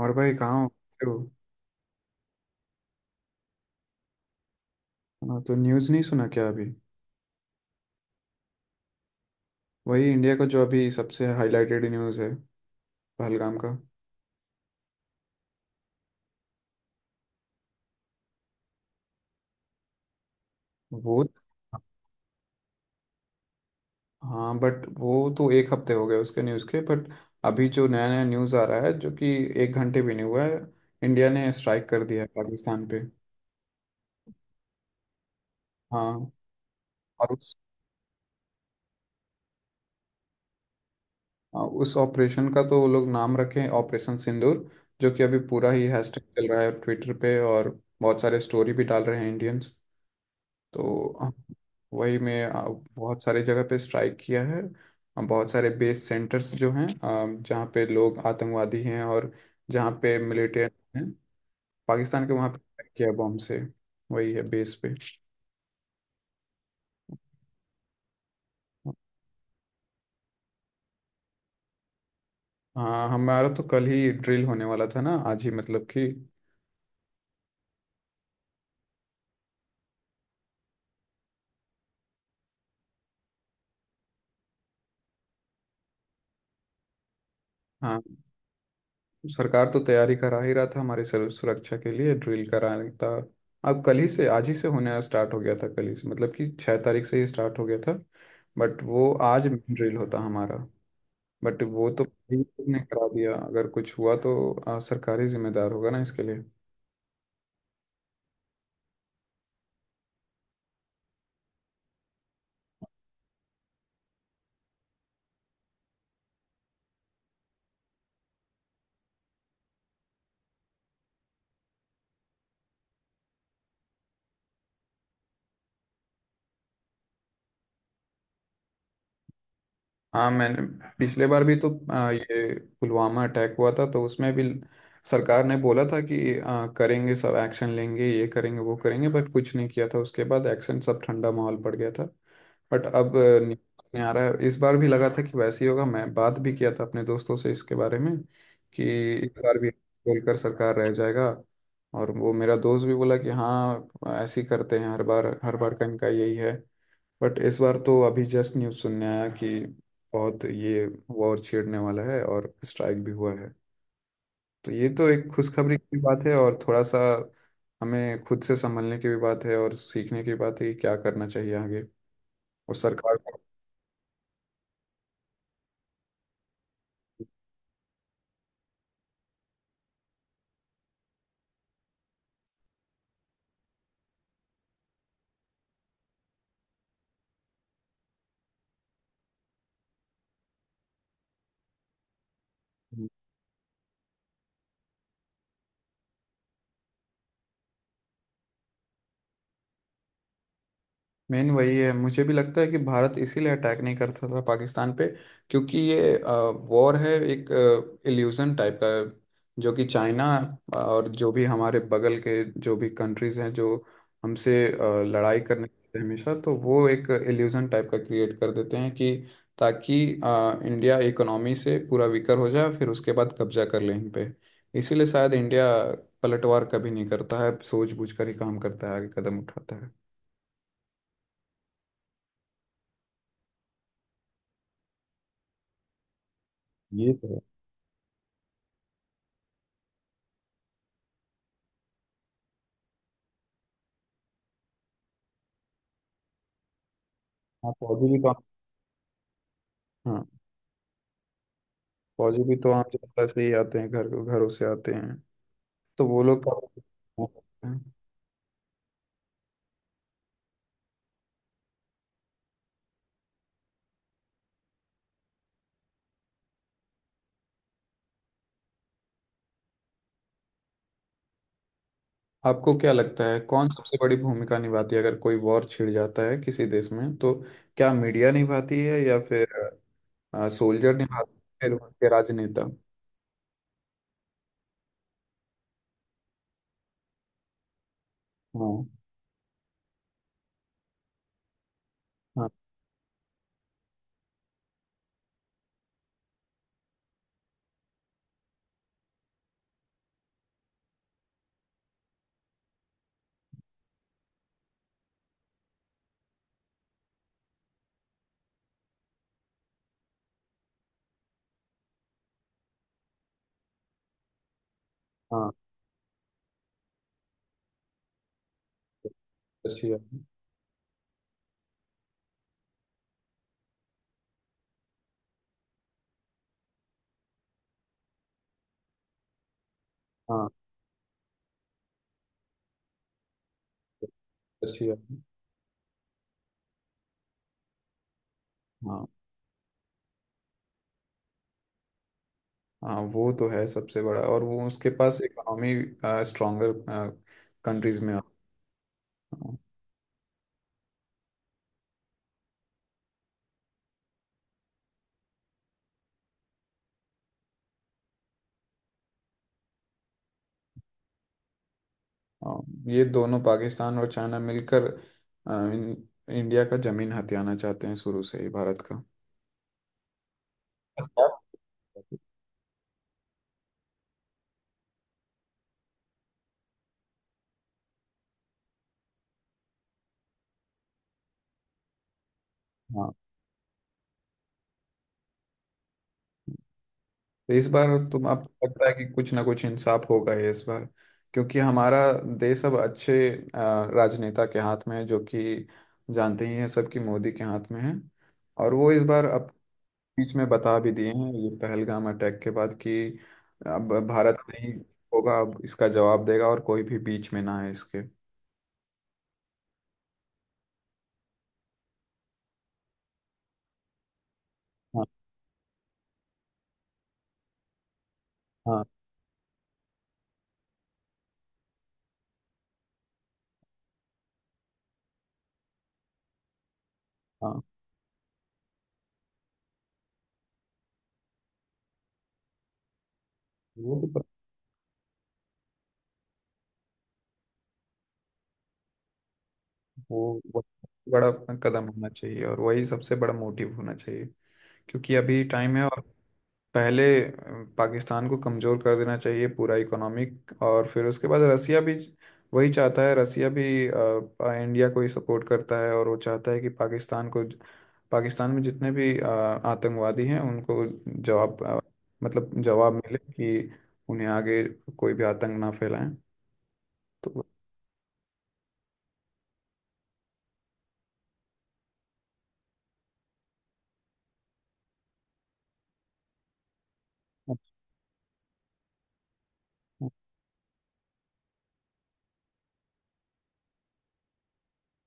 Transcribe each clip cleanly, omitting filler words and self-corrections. और भाई कहाँ हो कैसे हो? हाँ, तो न्यूज़ नहीं सुना क्या अभी। वही इंडिया का जो अभी सबसे हाईलाइटेड न्यूज़ है, पहलगाम का। वो हाँ, बट वो तो एक हफ्ते हो गए उसके न्यूज़ के। बट अभी जो नया नया न्यूज़ आ रहा है जो कि एक घंटे भी नहीं हुआ है। इंडिया ने स्ट्राइक कर दिया है पाकिस्तान पे। हाँ। और उस हाँ, उस ऑपरेशन का तो वो लोग नाम रखे हैं ऑपरेशन सिंदूर, जो कि अभी पूरा ही हैशटैग चल रहा है ट्विटर पे। और बहुत सारे स्टोरी भी डाल रहे हैं इंडियंस। तो वही मैं बहुत सारे जगह पे स्ट्राइक किया है। बहुत सारे बेस सेंटर्स जो हैं, जहाँ पे लोग आतंकवादी हैं और जहाँ पे मिलिटेंट हैं। पाकिस्तान के वहाँ पे अटैक किया बॉम्ब से। वही है बेस पे। हाँ, हमारा तो कल ही ड्रिल होने वाला था ना आज ही, मतलब कि हाँ। सरकार तो तैयारी करा ही रहा था हमारी सर्व सुरक्षा के लिए ड्रिल कराने था। अब कल ही से आज ही से होने स्टार्ट हो गया था, कल ही से मतलब कि 6 तारीख से ही स्टार्ट हो गया था। बट वो आज ड्रिल होता हमारा। बट वो तो ने करा दिया। अगर कुछ हुआ तो सरकार ही जिम्मेदार होगा ना इसके लिए। हाँ, मैंने पिछले बार भी तो ये पुलवामा अटैक हुआ था तो उसमें भी सरकार ने बोला था कि करेंगे सब, एक्शन लेंगे, ये करेंगे वो करेंगे, बट कुछ नहीं किया था उसके बाद एक्शन, सब ठंडा माहौल पड़ गया था। बट अब न्यूज़ में आ रहा है। इस बार भी लगा था कि वैसे ही होगा, मैं बात भी किया था अपने दोस्तों से इसके बारे में कि इस बार भी बोलकर सरकार रह जाएगा। और वो मेरा दोस्त भी बोला कि हाँ, ऐसे ही करते हैं, हर बार का इनका यही है। बट इस बार तो अभी जस्ट न्यूज़ सुनने आया कि बहुत ये वॉर छेड़ने वाला है और स्ट्राइक भी हुआ है। तो ये तो एक खुशखबरी की बात है और थोड़ा सा हमें खुद से संभलने की भी बात है और सीखने की बात है कि क्या करना चाहिए आगे। और सरकार को। मेन वही है, मुझे भी लगता है कि भारत इसीलिए अटैक नहीं करता था पाकिस्तान पे, क्योंकि ये वॉर है एक इल्यूजन टाइप का, जो कि चाइना और जो भी हमारे बगल के जो भी कंट्रीज हैं जो हमसे लड़ाई करने के लिए हमेशा, तो वो एक इल्यूजन टाइप का क्रिएट कर देते हैं कि ताकि इंडिया इकोनॉमी से पूरा वीकर हो जाए, फिर उसके बाद कब्जा कर ले इन पे। इसीलिए शायद इंडिया पलटवार कभी नहीं करता है, सूझबूझ कर ही काम करता है, आगे कदम उठाता है। ये तो है। हाँ, फौजी भी काम। हाँ, फौजी भी तो आम जनता से ही आते हैं, घर घरों से आते हैं। तो वो लोग का। आपको क्या लगता है, कौन सबसे बड़ी भूमिका निभाती है अगर कोई वॉर छिड़ जाता है किसी देश में तो? क्या मीडिया निभाती है या फिर सोल्जर निभाती है, फिर उनके राजनेता? हाँ, हाँ, हाँ, अच्छी है। हाँ, अच्छी है। हाँ, हाँ वो तो है सबसे बड़ा। और वो उसके पास इकोनॉमी स्ट्रॉन्गर कंट्रीज में है। हाँ, ये दोनों पाकिस्तान और चाइना मिलकर इंडिया का जमीन हथियाना चाहते हैं शुरू से ही, भारत का। हाँ। तो इस बार तुम आपको लगता है कि कुछ ना कुछ इंसाफ होगा ही इस बार, क्योंकि हमारा देश अब अच्छे राजनेता के हाथ में है, जो कि जानते ही हैं सब कि मोदी के हाथ में है। और वो इस बार अब बीच में बता भी दिए हैं ये पहलगाम अटैक के बाद कि अब भारत नहीं होगा, अब इसका जवाब देगा और कोई भी बीच में ना है इसके। हाँ, हाँ। वो तो पर- वो बड़ा अपना कदम होना चाहिए और वही सबसे बड़ा मोटिव होना चाहिए, क्योंकि अभी टाइम है। और पहले पाकिस्तान को कमजोर कर देना चाहिए पूरा इकोनॉमिक, और फिर उसके बाद रसिया भी वही चाहता है। रसिया भी इंडिया को ही सपोर्ट करता है और वो चाहता है कि पाकिस्तान को, पाकिस्तान में जितने भी आतंकवादी हैं उनको जवाब मतलब जवाब मिले कि उन्हें आगे कोई भी आतंक ना फैलाएं। तो अच्छा।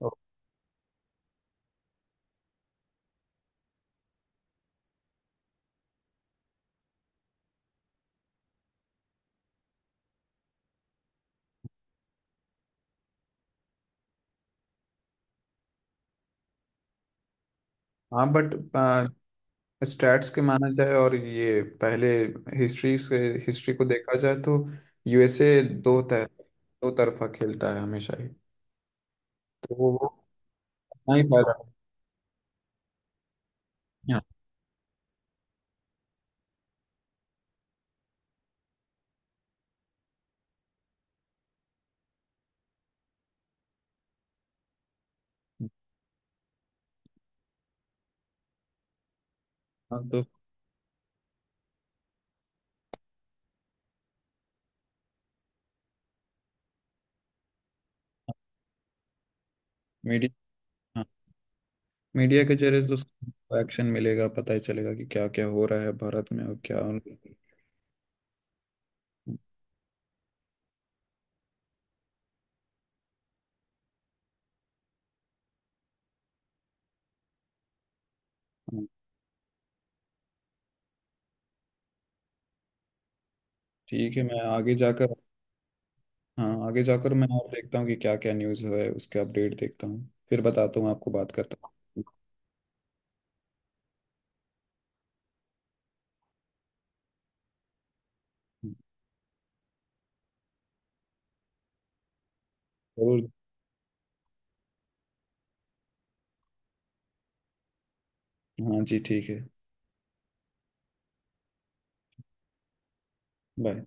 तो हाँ, बट स्टैट्स के माना जाए और ये पहले हिस्ट्री से हिस्ट्री को देखा जाए तो यूएसए दो तरफा खेलता है हमेशा ही। तो वो अपना ही फायदा है। हाँ। हाँ, तो मीडिया। हाँ, मीडिया के जरिए तो उसको एक्शन मिलेगा, पता ही चलेगा कि क्या क्या हो रहा है भारत में और क्या। हाँ, ठीक है मैं आगे जाकर। हाँ, आगे जाकर मैं और देखता हूँ कि क्या क्या न्यूज़ है, उसके अपडेट देखता हूँ, फिर बताता हूँ, आपको बात करता हूँ। जरूर। हाँ जी ठीक है। बाय।